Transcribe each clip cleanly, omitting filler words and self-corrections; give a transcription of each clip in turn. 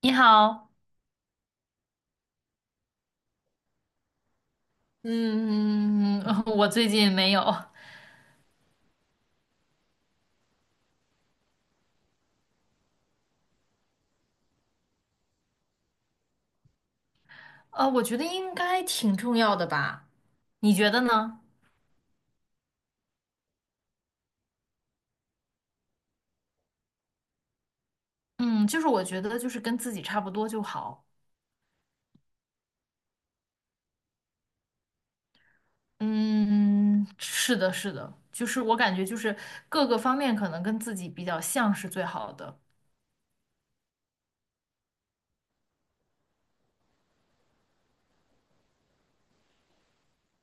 你好，嗯，我最近没有，我觉得应该挺重要的吧，你觉得呢？嗯，就是我觉得就是跟自己差不多就好，嗯，是的，是的，就是我感觉就是各个方面可能跟自己比较像是最好的。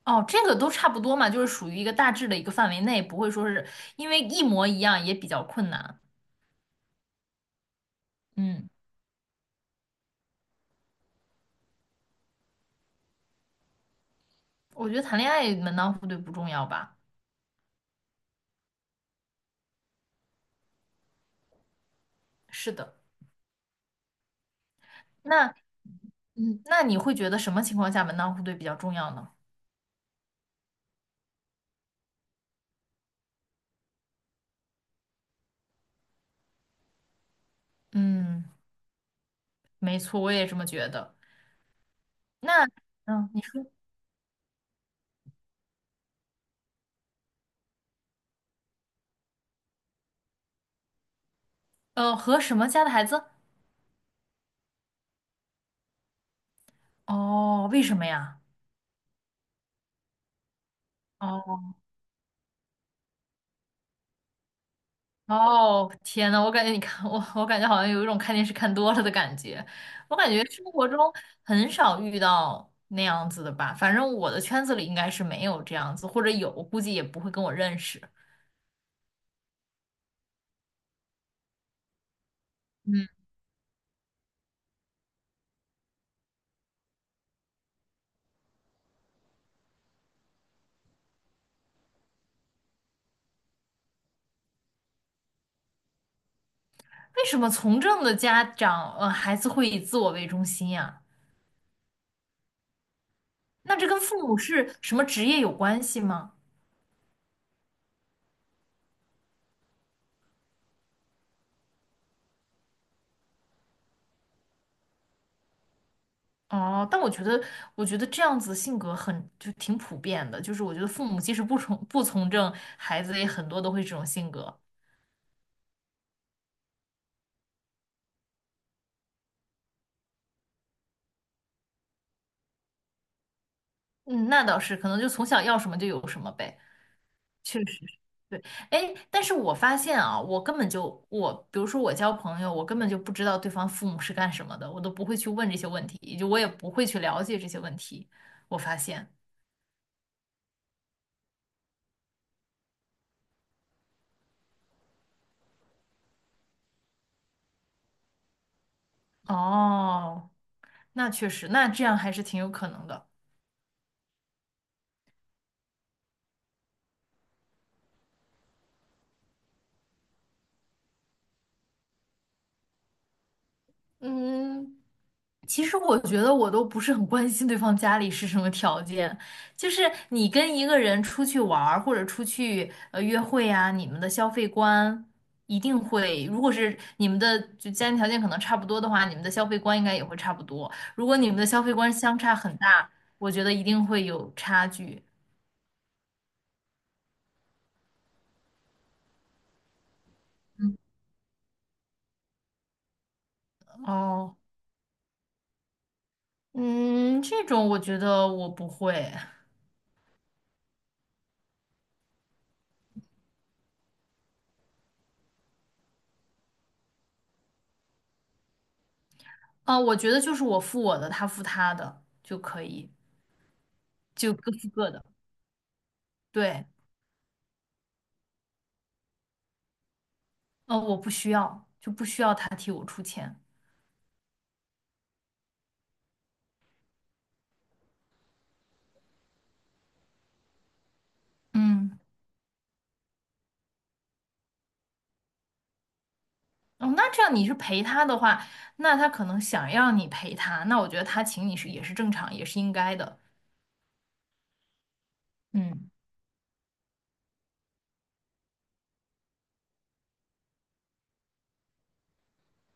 哦，这个都差不多嘛，就是属于一个大致的一个范围内，不会说是因为一模一样也比较困难。嗯，我觉得谈恋爱门当户对不重要吧？是的。那嗯，那你会觉得什么情况下门当户对比较重要呢？嗯，没错，我也这么觉得。那嗯，你说和什么家的孩子？哦，为什么呀？哦哦，天呐，我感觉你看我，我感觉好像有一种看电视看多了的感觉。我感觉生活中很少遇到那样子的吧，反正我的圈子里应该是没有这样子，或者有，估计也不会跟我认识。嗯，为什么从政的家长，孩子会以自我为中心呀？那这跟父母是什么职业有关系吗？哦，但我觉得，我觉得这样子性格很，就挺普遍的。就是我觉得父母即使不从政，孩子也很多都会这种性格。嗯，那倒是，可能就从小要什么就有什么呗。确实是对。哎，但是我发现啊，我根本就我，比如说我交朋友，我根本就不知道对方父母是干什么的，我都不会去问这些问题，也就我也不会去了解这些问题。我发现，哦，那确实，那这样还是挺有可能的。嗯，其实我觉得我都不是很关心对方家里是什么条件，就是你跟一个人出去玩儿或者出去约会啊，你们的消费观一定会，如果是你们的就家庭条件可能差不多的话，你们的消费观应该也会差不多。如果你们的消费观相差很大，我觉得一定会有差距。哦，嗯，这种我觉得我不会，啊，我觉得就是我付我的，他付他的就可以，就各付各的，对。哦，我不需要，就不需要他替我出钱。嗯，哦，那这样你是陪他的话，那他可能想要你陪他，那我觉得他请你是也是正常，也是应该的。嗯，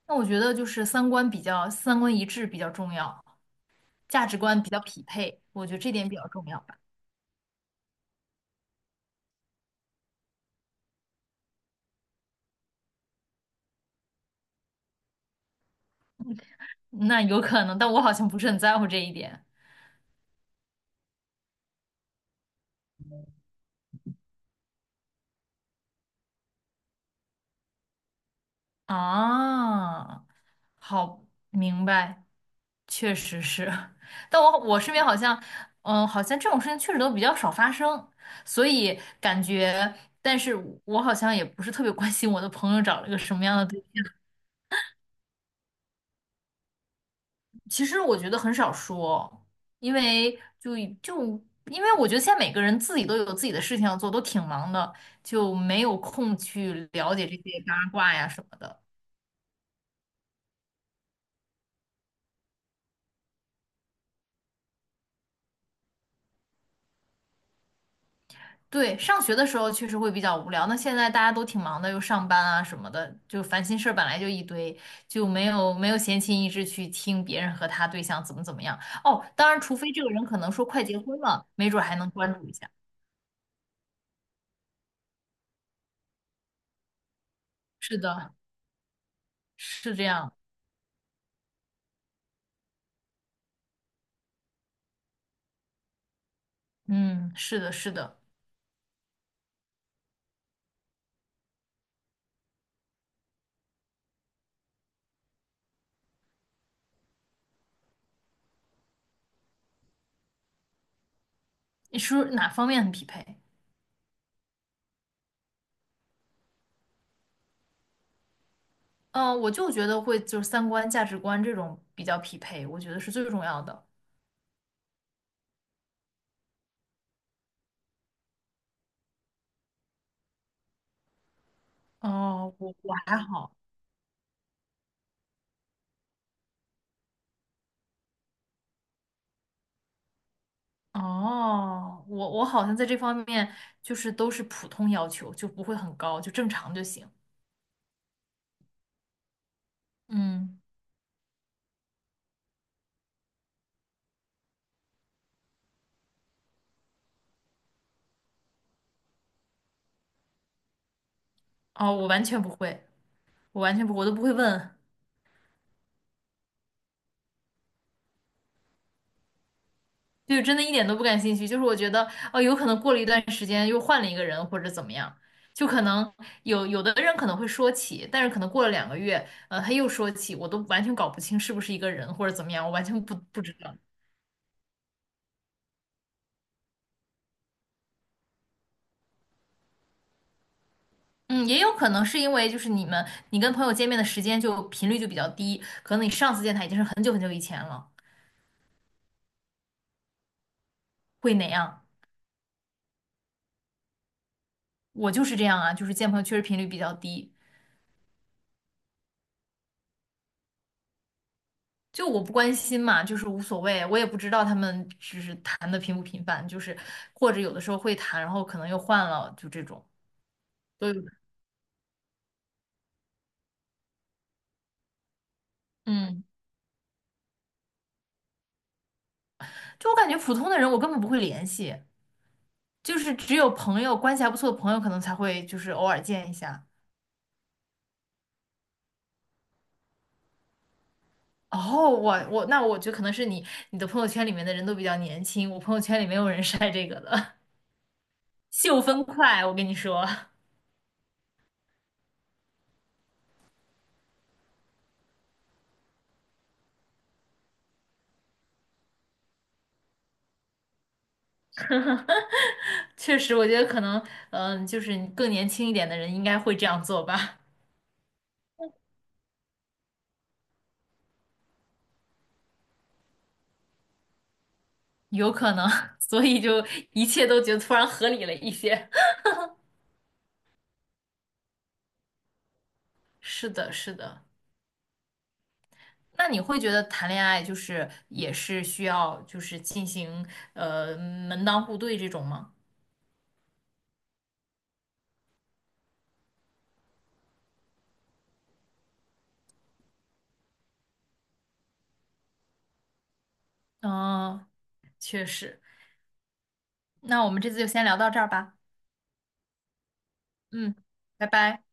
那我觉得就是三观一致比较重要，价值观比较匹配，我觉得这点比较重要吧。那有可能，但我好像不是很在乎这一点啊。好，明白。确实是，但我身边好像，嗯，好像这种事情确实都比较少发生，所以感觉，但是我好像也不是特别关心我的朋友找了个什么样的对象。其实我觉得很少说，因为就就因为我觉得现在每个人自己都有自己的事情要做，都挺忙的，就没有空去了解这些八卦呀什么的。对，上学的时候确实会比较无聊。那现在大家都挺忙的，又上班啊什么的，就烦心事儿本来就一堆，就没有闲情逸致去听别人和他对象怎么怎么样。哦，当然，除非这个人可能说快结婚了，没准儿还能关注一下。是的，是这样。嗯，是的，是的。你是哪方面很匹配？嗯，我就觉得会就是三观、价值观这种比较匹配，我觉得是最重要的。哦，我还好。哦，我好像在这方面就是都是普通要求，就不会很高，就正常就行。嗯，哦，我完全不会，我完全不，我都不会问，就真的一点都不感兴趣。就是我觉得，哦，有可能过了一段时间又换了一个人或者怎么样，就可能有的人可能会说起，但是可能过了两个月，他又说起，我都完全搞不清是不是一个人或者怎么样，我完全不知道。嗯，也有可能是因为就是你跟朋友见面的时间就频率就比较低，可能你上次见他已经是很久很久以前了，会哪样？我就是这样啊，就是见朋友确实频率比较低，就我不关心嘛，就是无所谓，我也不知道他们就是谈的频不频繁，就是或者有的时候会谈，然后可能又换了，就这种都有。嗯，就我感觉普通的人我根本不会联系，就是只有朋友关系还不错的朋友可能才会就是偶尔见一下。哦，那我觉得可能是你的朋友圈里面的人都比较年轻，我朋友圈里没有人晒这个的，秀分快，我跟你说，确实，我觉得可能，嗯，就是你更年轻一点的人应该会这样做吧，有可能，所以就一切都觉得突然合理了一些。是的，是的。那你会觉得谈恋爱就是也是需要就是进行门当户对这种吗？嗯，确实。那我们这次就先聊到这儿吧。嗯，拜拜。